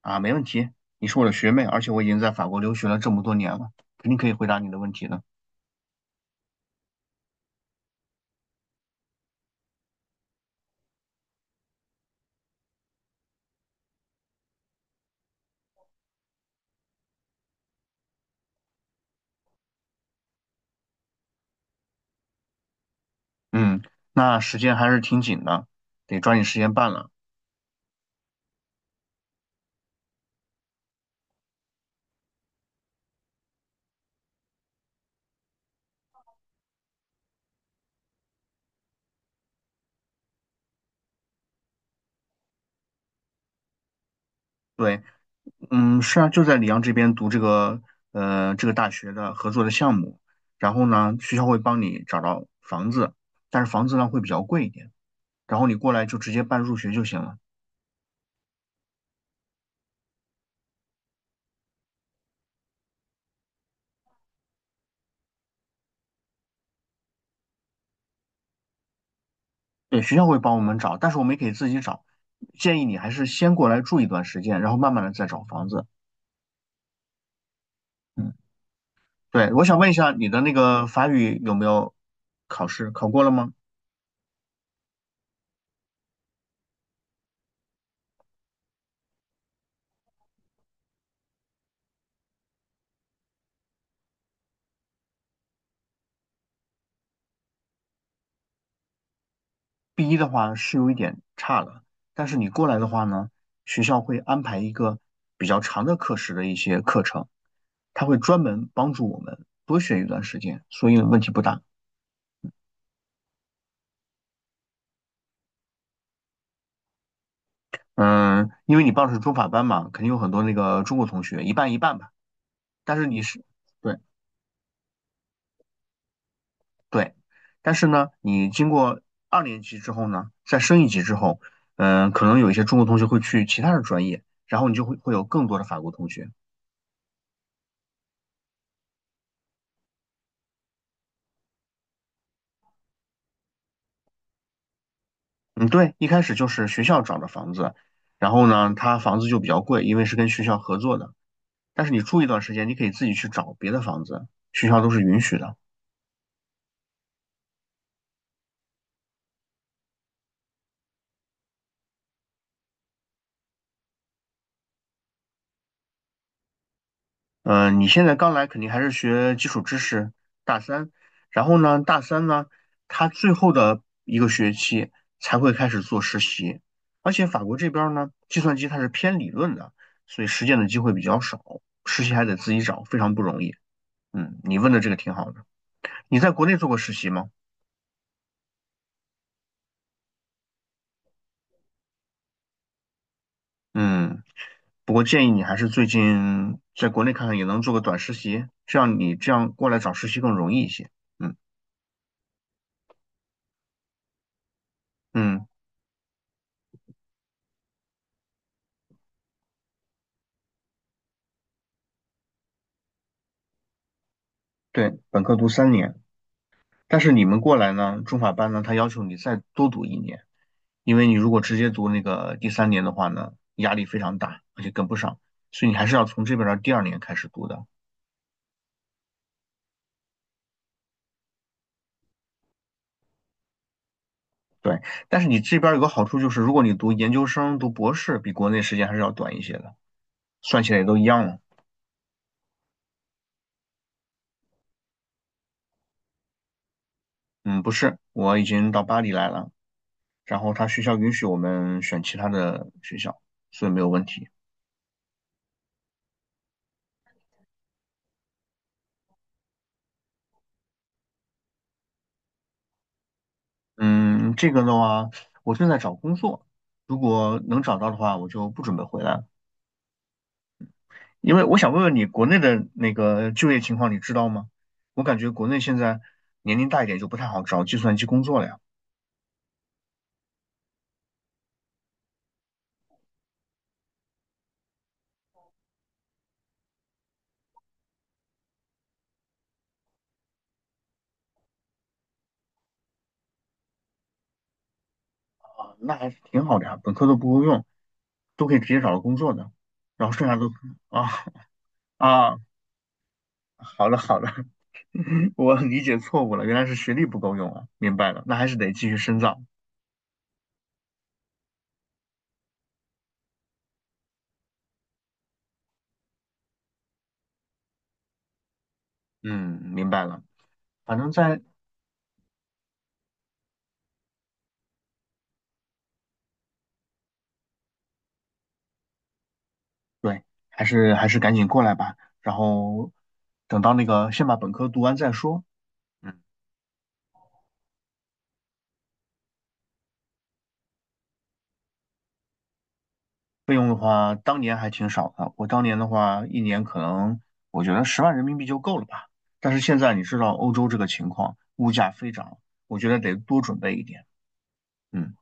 啊，没问题，你是我的学妹，而且我已经在法国留学了这么多年了，肯定可以回答你的问题的。嗯，那时间还是挺紧的，得抓紧时间办了。对，嗯，是啊，就在里昂这边读这个大学的合作的项目，然后呢，学校会帮你找到房子，但是房子呢会比较贵一点，然后你过来就直接办入学就行了。对，学校会帮我们找，但是我们也可以自己找，建议你还是先过来住一段时间，然后慢慢的再找房子。嗯。对，我想问一下，你的那个法语有没有考试？考过了吗？B1 的话是有一点差了，但是你过来的话呢，学校会安排一个比较长的课时的一些课程，他会专门帮助我们多学一段时间，所以问题不大。嗯，因为你报的是中法班嘛，肯定有很多那个中国同学，一半一半吧。但是你是，对，对，但是呢，你经过二年级之后呢，再升一级之后，可能有一些中国同学会去其他的专业，然后你就会有更多的法国同学。嗯，对，一开始就是学校找的房子，然后呢，他房子就比较贵，因为是跟学校合作的。但是你住一段时间，你可以自己去找别的房子，学校都是允许的。你现在刚来肯定还是学基础知识，大三，然后呢，大三呢，他最后的一个学期才会开始做实习，而且法国这边儿呢，计算机它是偏理论的，所以实践的机会比较少，实习还得自己找，非常不容易。嗯，你问的这个挺好的。你在国内做过实习吗？嗯，不过建议你还是最近在国内看看，也能做个短实习，这样你这样过来找实习更容易一些。嗯嗯，对，本科读三年。但是你们过来呢，中法班呢，他要求你再多读一年，因为你如果直接读那个第三年的话呢，压力非常大，而且跟不上，所以你还是要从这边的第二年开始读的。对，但是你这边有个好处就是，如果你读研究生、读博士，比国内时间还是要短一些的，算起来也都一样了。嗯，不是，我已经到巴黎来了，然后他学校允许我们选其他的学校，所以没有问题。嗯，这个的话，我正在找工作，如果能找到的话，我就不准备回来了。因为我想问问你，国内的那个就业情况你知道吗？我感觉国内现在年龄大一点就不太好找计算机工作了呀。啊，那还是挺好的呀，本科都不够用，都可以直接找到工作的。然后剩下都啊啊，好了好了，我理解错误了，原来是学历不够用啊，明白了，那还是得继续深造。嗯，明白了，反正在，对，还是赶紧过来吧，然后等到那个先把本科读完再说。嗯。费用的话，当年还挺少的。我当年的话，一年可能我觉得10万人民币就够了吧。但是现在你知道欧洲这个情况，物价飞涨，我觉得得多准备一点。嗯，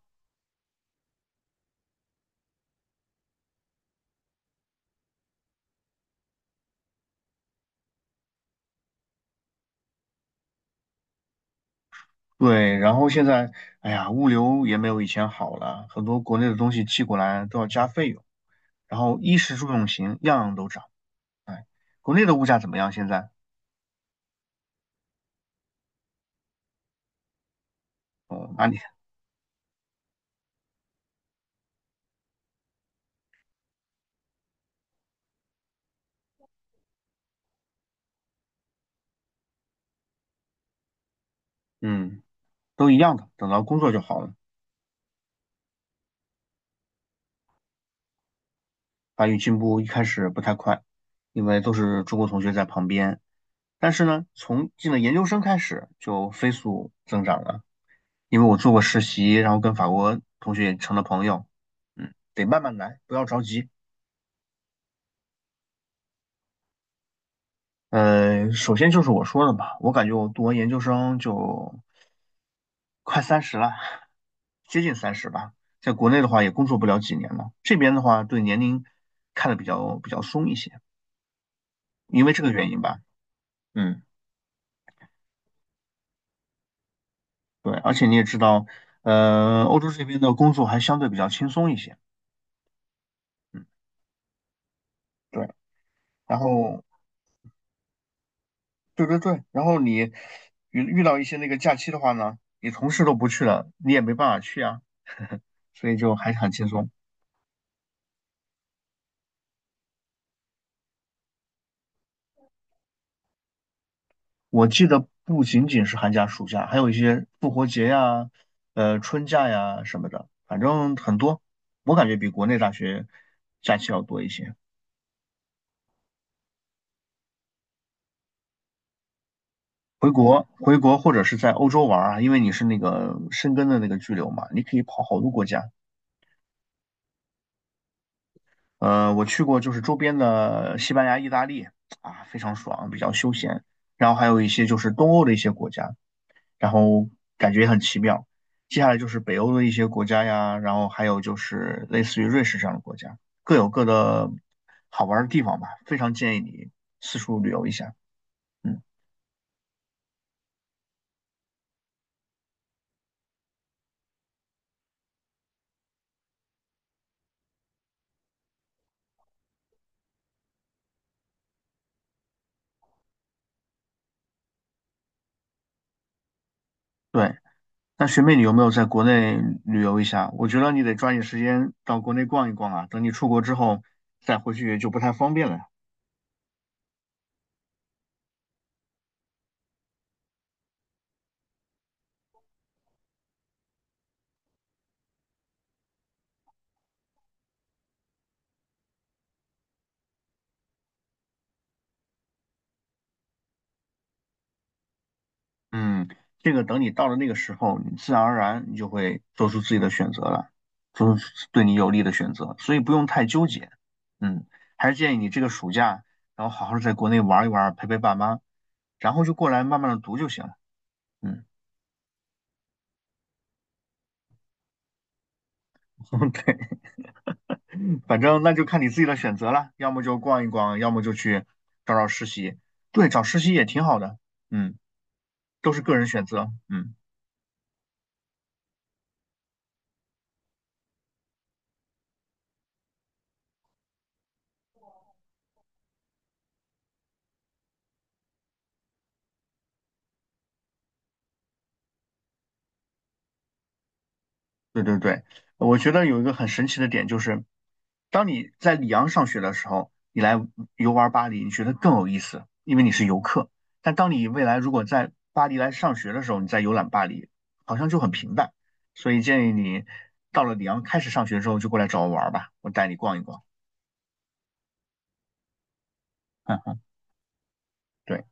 对。然后现在，哎呀，物流也没有以前好了，很多国内的东西寄过来都要加费用。然后衣食住用行样样都涨。国内的物价怎么样？现在？哦，哪里？嗯，都一样的。等到工作就好了。法语进步一开始不太快，因为都是中国同学在旁边。但是呢，从进了研究生开始就飞速增长了，因为我做过实习，然后跟法国同学也成了朋友。嗯，得慢慢来，不要着急。首先就是我说的吧，我感觉我读完研究生就快三十了，接近三十吧。在国内的话也工作不了几年了，这边的话对年龄看得比较松一些，因为这个原因吧。嗯，对，而且你也知道，欧洲这边的工作还相对比较轻松一些。嗯，对。然后对对对，然后你遇到一些那个假期的话呢，你同事都不去了，你也没办法去啊，所以就还是很轻松。我记得不仅仅是寒假、暑假，还有一些复活节呀、春假呀什么的，反正很多。我感觉比国内大学假期要多一些。回国，回国或者是在欧洲玩儿啊，因为你是那个申根的那个居留嘛，你可以跑好多国家。我去过就是周边的西班牙、意大利啊，非常爽，比较休闲。然后还有一些就是东欧的一些国家，然后感觉也很奇妙。接下来就是北欧的一些国家呀，然后还有就是类似于瑞士这样的国家，各有各的好玩的地方吧。非常建议你四处旅游一下。嗯，对。那学妹，你有没有在国内旅游一下？我觉得你得抓紧时间到国内逛一逛啊，等你出国之后再回去就不太方便了。嗯，这个等你到了那个时候，你自然而然你就会做出自己的选择了，做出对你有利的选择，所以不用太纠结。嗯，还是建议你这个暑假，然后好好地在国内玩一玩，陪陪爸妈，然后就过来慢慢的读就行了。嗯，对，反正那就看你自己的选择了，要么就逛一逛，要么就去找找实习。对，找实习也挺好的。嗯，都是个人选择。嗯。对对对，我觉得有一个很神奇的点就是，当你在里昂上学的时候，你来游玩巴黎，你觉得更有意思，因为你是游客。但当你未来如果在巴黎来上学的时候，你再游览巴黎，好像就很平淡。所以建议你到了里昂开始上学之后，就过来找我玩儿吧，我带你逛一逛。嗯，对。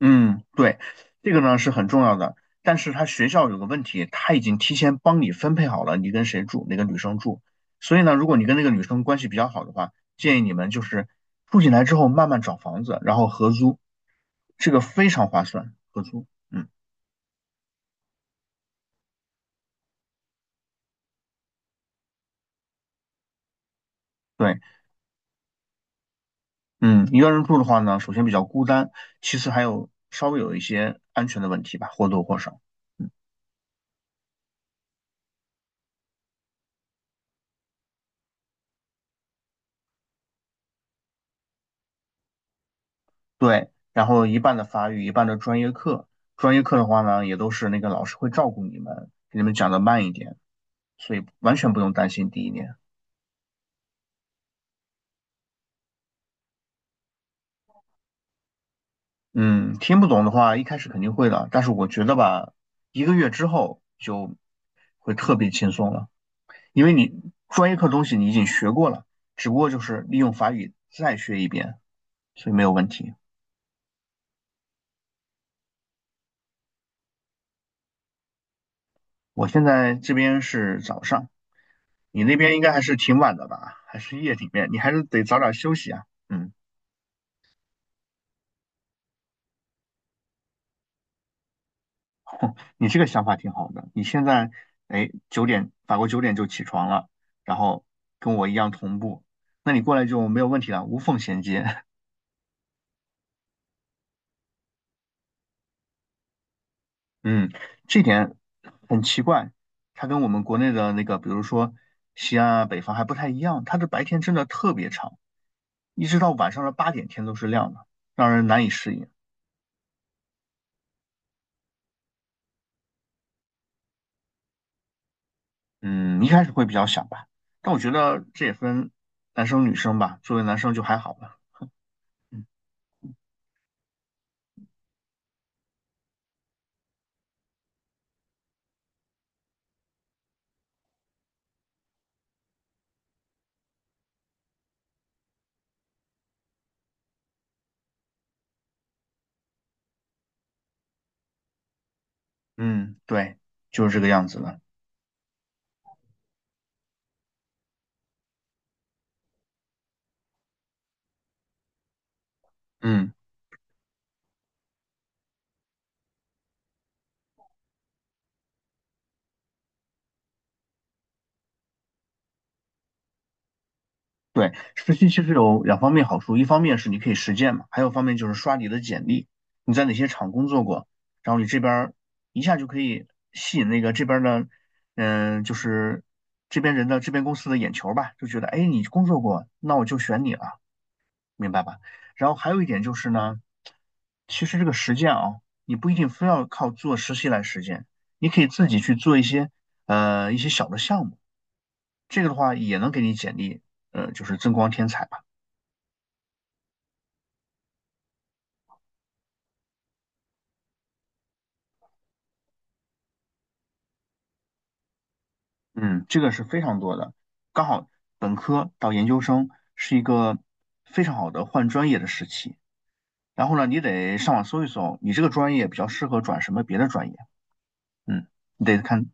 嗯，对，这个呢是很重要的，但是他学校有个问题，他已经提前帮你分配好了你跟谁住，哪个女生住，所以呢，如果你跟那个女生关系比较好的话，建议你们就是住进来之后慢慢找房子，然后合租，这个非常划算，合租。嗯，对，嗯，一个人住的话呢，首先比较孤单，其次还有稍微有一些安全的问题吧，或多或少。嗯。对，然后一半的法语，一半的专业课。专业课的话呢，也都是那个老师会照顾你们，给你们讲的慢一点，所以完全不用担心第一年。嗯，听不懂的话，一开始肯定会的，但是我觉得吧，一个月之后就会特别轻松了，因为你专业课东西你已经学过了，只不过就是利用法语再学一遍，所以没有问题。我现在这边是早上，你那边应该还是挺晚的吧？还是夜里面？你还是得早点休息啊。嗯。你这个想法挺好的。你现在，哎，九点，法国九点就起床了，然后跟我一样同步，那你过来就没有问题了，无缝衔接。嗯，这点很奇怪，它跟我们国内的那个，比如说西安啊、北方还不太一样，它的白天真的特别长，一直到晚上的8点天都是亮的，让人难以适应。嗯，一开始会比较想吧，但我觉得这也分男生女生吧，作为男生就还好了。嗯。嗯，对，就是这个样子的。嗯。对，实习其实有两方面好处，一方面是你可以实践嘛，还有一方面就是刷你的简历，你在哪些厂工作过，然后你这边儿一下就可以吸引那个这边儿的，就是这边人的这边公司的眼球儿吧，就觉得哎你工作过，那我就选你了，明白吧？然后还有一点就是呢，其实这个实践啊，你不一定非要靠做实习来实践，你可以自己去做一些一些小的项目，这个的话也能给你简历就是增光添彩吧。嗯，这个是非常多的，刚好本科到研究生是一个非常好的换专业的时期。然后呢，你得上网搜一搜，你这个专业比较适合转什么别的专业。嗯，你得看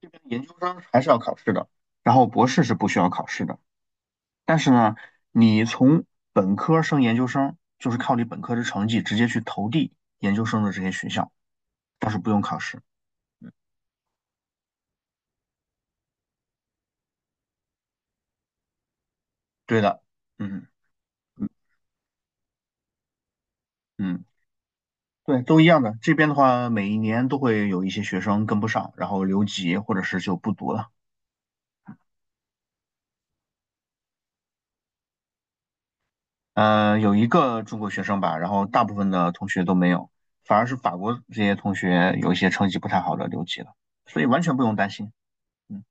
这边研究生还是要考试的，然后博士是不需要考试的。但是呢，你从本科升研究生，就是靠你本科的成绩直接去投递研究生的这些学校，倒是不用考试。对的。嗯嗯。对，都一样的。这边的话，每一年都会有一些学生跟不上，然后留级或者是就不读了。有一个中国学生吧，然后大部分的同学都没有，反而是法国这些同学有一些成绩不太好的留级了，所以完全不用担心。嗯，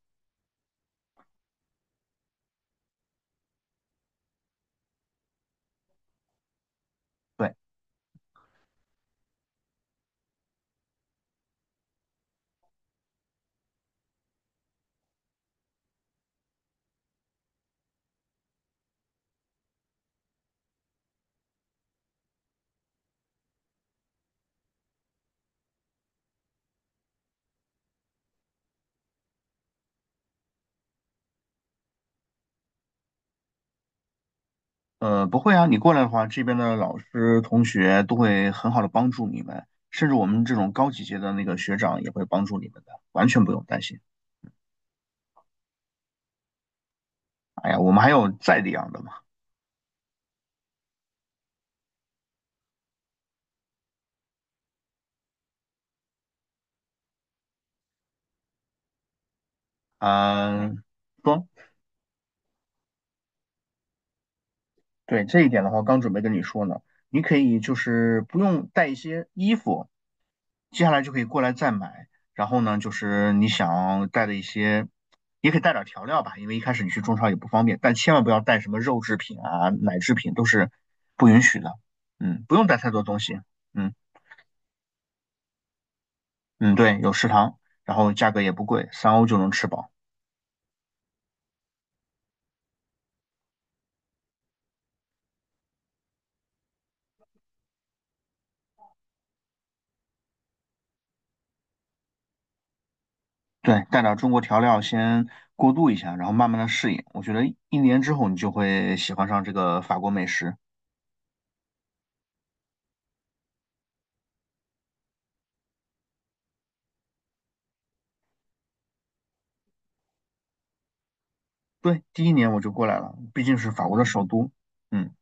对，不会啊，你过来的话，这边的老师同学都会很好的帮助你们，甚至我们这种高级阶的那个学长也会帮助你们的，完全不用担心。哎呀，我们还有在里样的嘛。嗯、说。对这一点的话，刚准备跟你说呢，你可以就是不用带一些衣服，接下来就可以过来再买。然后呢，就是你想带的一些，也可以带点调料吧，因为一开始你去中超也不方便，但千万不要带什么肉制品啊、奶制品都是不允许的。嗯，不用带太多东西。嗯嗯，对，有食堂，然后价格也不贵，3欧就能吃饱。对，带点中国调料先过渡一下，然后慢慢的适应。我觉得1年之后你就会喜欢上这个法国美食。对，第一年我就过来了，毕竟是法国的首都。嗯，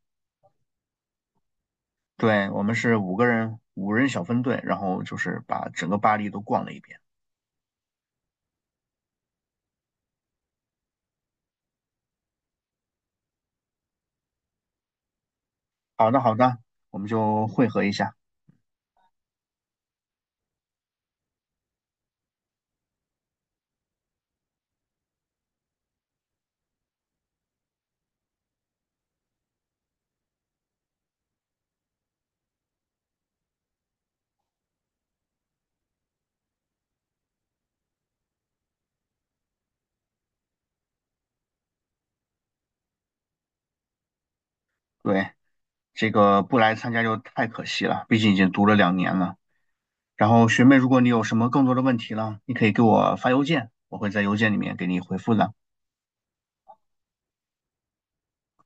对，我们是5个人，5人小分队，然后就是把整个巴黎都逛了一遍。好的，好的，我们就汇合一下。对，这个不来参加就太可惜了，毕竟已经读了2年了。然后学妹，如果你有什么更多的问题了，你可以给我发邮件，我会在邮件里面给你回复的。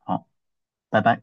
好，拜拜。